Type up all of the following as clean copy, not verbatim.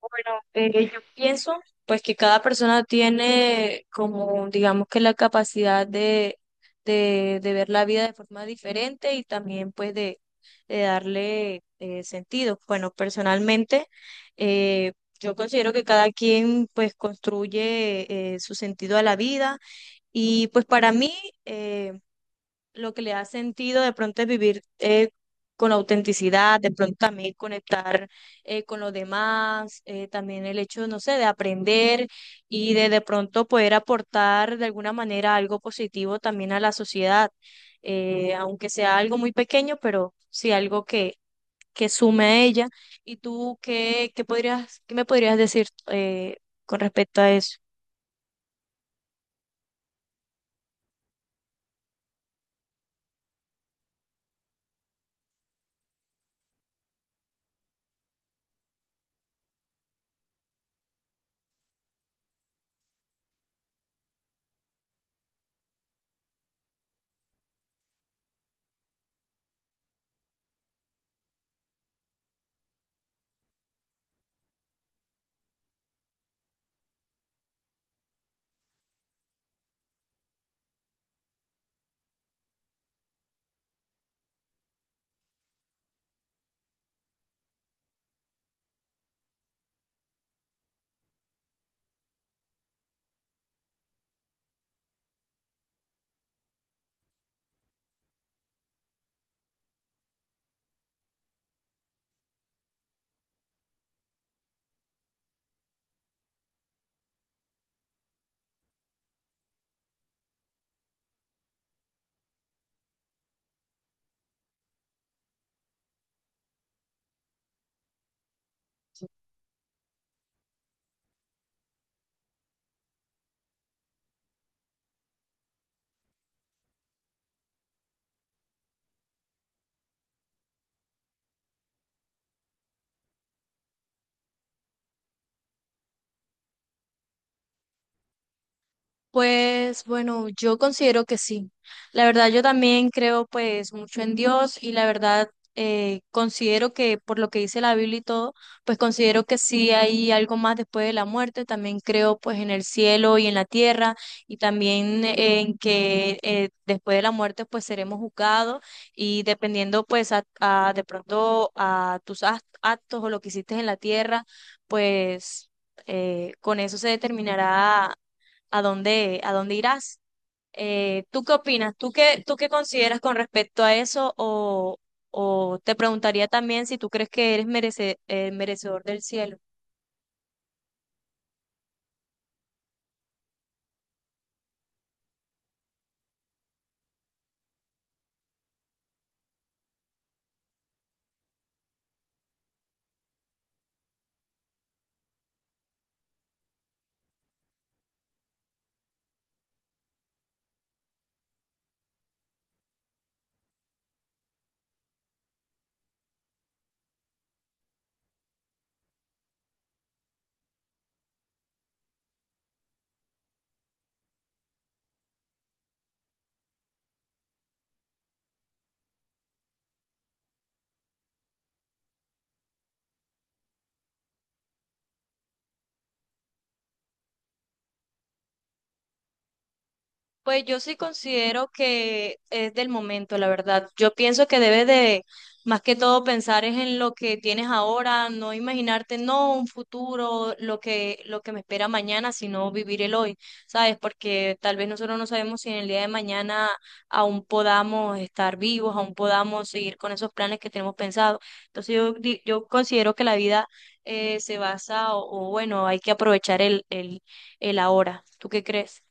Bueno, yo pienso pues que cada persona tiene, como digamos, que la capacidad de ver la vida de forma diferente y también pues de darle sentido. Bueno, personalmente, eh, yo considero que cada quien pues construye su sentido a la vida, y pues para mí eh, lo que le ha sentido de pronto es vivir con autenticidad, de pronto también conectar con los demás, también el hecho, no sé, de aprender y de pronto poder aportar de alguna manera algo positivo también a la sociedad, aunque sea algo muy pequeño, pero sí algo que sume a ella. ¿Y tú qué podrías, qué me podrías decir con respecto a eso? Pues bueno, yo considero que sí. La verdad, yo también creo pues mucho en Dios, y la verdad considero que, por lo que dice la Biblia y todo, pues considero que sí hay algo más después de la muerte. También creo pues en el cielo y en la tierra, y también en que, después de la muerte, pues seremos juzgados, y dependiendo pues de pronto a tus actos, o lo que hiciste en la tierra, pues con eso se determinará a a dónde irás. ¿tú qué opinas? ¿Tú tú qué consideras con respecto a eso? O te preguntaría también si tú crees que eres merecedor del cielo. Pues yo sí considero que es del momento, la verdad. Yo pienso que debes de, más que todo, pensar es en lo que tienes ahora, no imaginarte, no un futuro, lo lo que me espera mañana, sino vivir el hoy, ¿sabes? Porque tal vez nosotros no sabemos si en el día de mañana aún podamos estar vivos, aún podamos seguir con esos planes que tenemos pensados. Entonces yo, yo considero que la vida se basa, o bueno, hay que aprovechar el ahora. ¿Tú qué crees?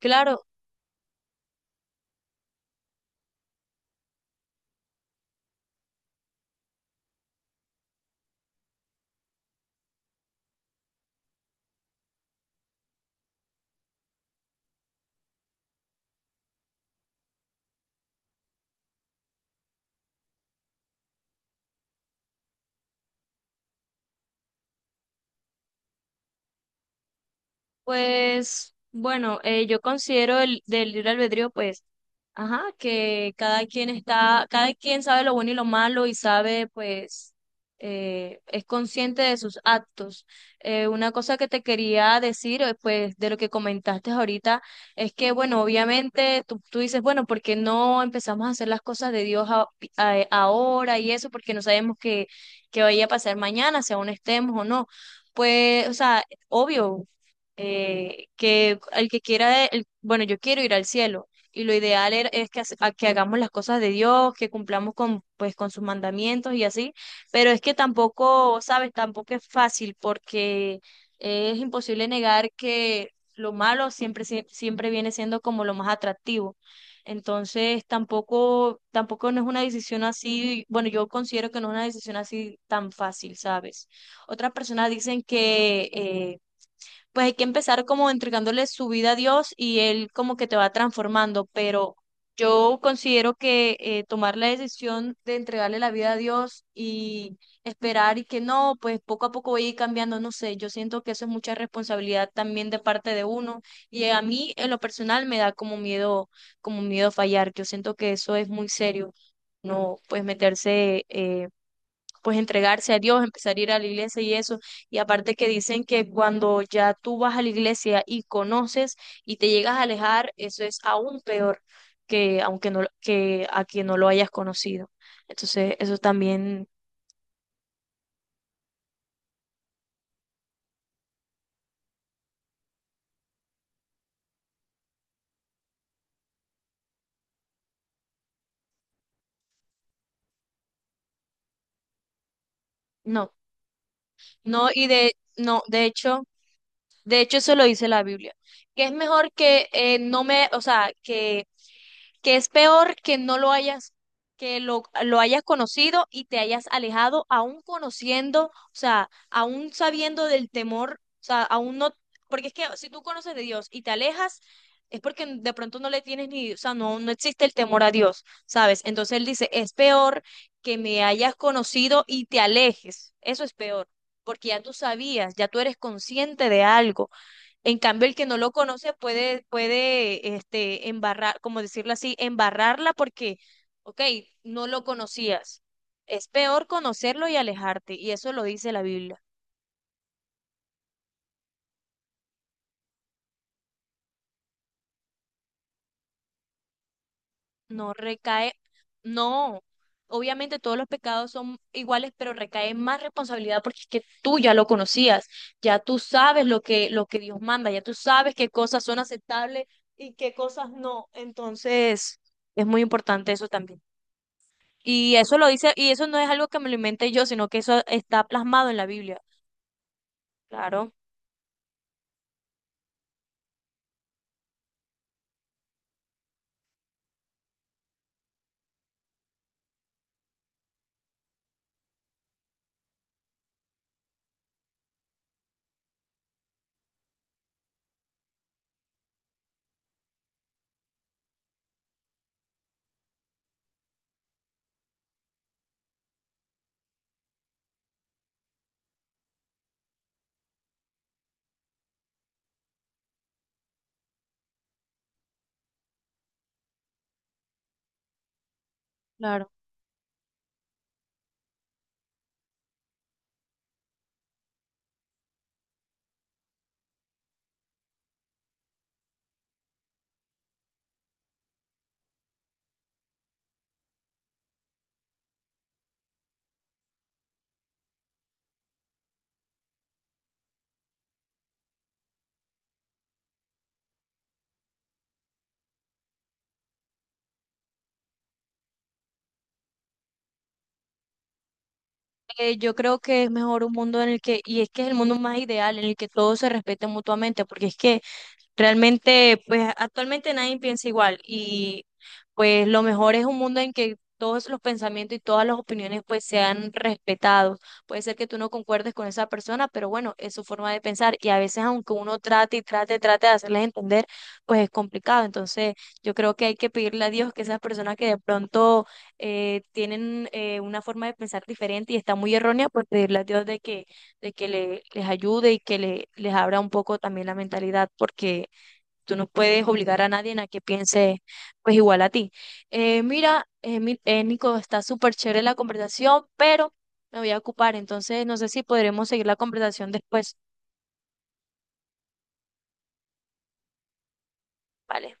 Claro. Pues bueno, yo considero el del libre albedrío, pues ajá, que cada quien está, cada quien sabe lo bueno y lo malo, y sabe, pues, es consciente de sus actos. Una cosa que te quería decir, pues, de lo que comentaste ahorita, es que, bueno, obviamente tú dices, bueno, ¿por qué no empezamos a hacer las cosas de Dios ahora y eso? Porque no sabemos qué vaya a pasar mañana, si aún estemos o no. Pues, o sea, obvio, que el que quiera, bueno, yo quiero ir al cielo, y lo ideal es que, que hagamos las cosas de Dios, que cumplamos con, pues, con sus mandamientos y así, pero es que tampoco, sabes, tampoco es fácil, porque es imposible negar que lo malo siempre, siempre viene siendo como lo más atractivo. Entonces, tampoco no es una decisión así, bueno, yo considero que no es una decisión así tan fácil, ¿sabes? Otras personas dicen que, pues hay que empezar como entregándole su vida a Dios, y Él como que te va transformando, pero yo considero que, tomar la decisión de entregarle la vida a Dios y esperar y que no, pues poco a poco voy a ir cambiando, no sé, yo siento que eso es mucha responsabilidad también de parte de uno, y a mí en lo personal me da como miedo fallar, yo siento que eso es muy serio, no, pues meterse, pues entregarse a Dios, empezar a ir a la iglesia y eso. Y aparte que dicen que cuando ya tú vas a la iglesia y conoces y te llegas a alejar, eso es aún peor que, aunque no, que a quien no lo hayas conocido. Entonces, eso también no. No, y de no, de hecho eso lo dice la Biblia, que es mejor que, no me, o sea, que es peor que no lo hayas, que lo hayas conocido y te hayas alejado, aún conociendo, o sea, aún sabiendo del temor, o sea, aún no, porque es que si tú conoces de Dios y te alejas, es porque de pronto no le tienes ni, o sea, no existe el temor a Dios, ¿sabes? Entonces él dice, es peor que me hayas conocido y te alejes, eso es peor, porque ya tú sabías, ya tú eres consciente de algo. En cambio, el que no lo conoce puede, este, embarrar, como decirlo así, embarrarla porque, ok, no lo conocías. Es peor conocerlo y alejarte, y eso lo dice la Biblia. No recae, no. Obviamente todos los pecados son iguales, pero recae más responsabilidad, porque es que tú ya lo conocías, ya tú sabes lo lo que Dios manda, ya tú sabes qué cosas son aceptables y qué cosas no. Entonces, es muy importante eso también. Y eso lo dice, y eso no es algo que me lo inventé yo, sino que eso está plasmado en la Biblia. Claro. Claro. Yo creo que es mejor un mundo en el que, y es que es el mundo más ideal, en el que todos se respeten mutuamente, porque es que realmente, pues actualmente nadie piensa igual, y pues lo mejor es un mundo en que todos los pensamientos y todas las opiniones pues sean respetados. Puede ser que tú no concuerdes con esa persona, pero bueno, es su forma de pensar, y a veces aunque uno trate y trate de hacerles entender, pues es complicado. Entonces, yo creo que hay que pedirle a Dios que esas personas que de pronto tienen una forma de pensar diferente y está muy errónea, pues pedirle a Dios de que, les ayude, y que les abra un poco también la mentalidad, porque tú no puedes obligar a nadie a que piense pues igual a ti. Mira, Nico, está súper chévere la conversación, pero me voy a ocupar, entonces no sé si podremos seguir la conversación después, ¿vale?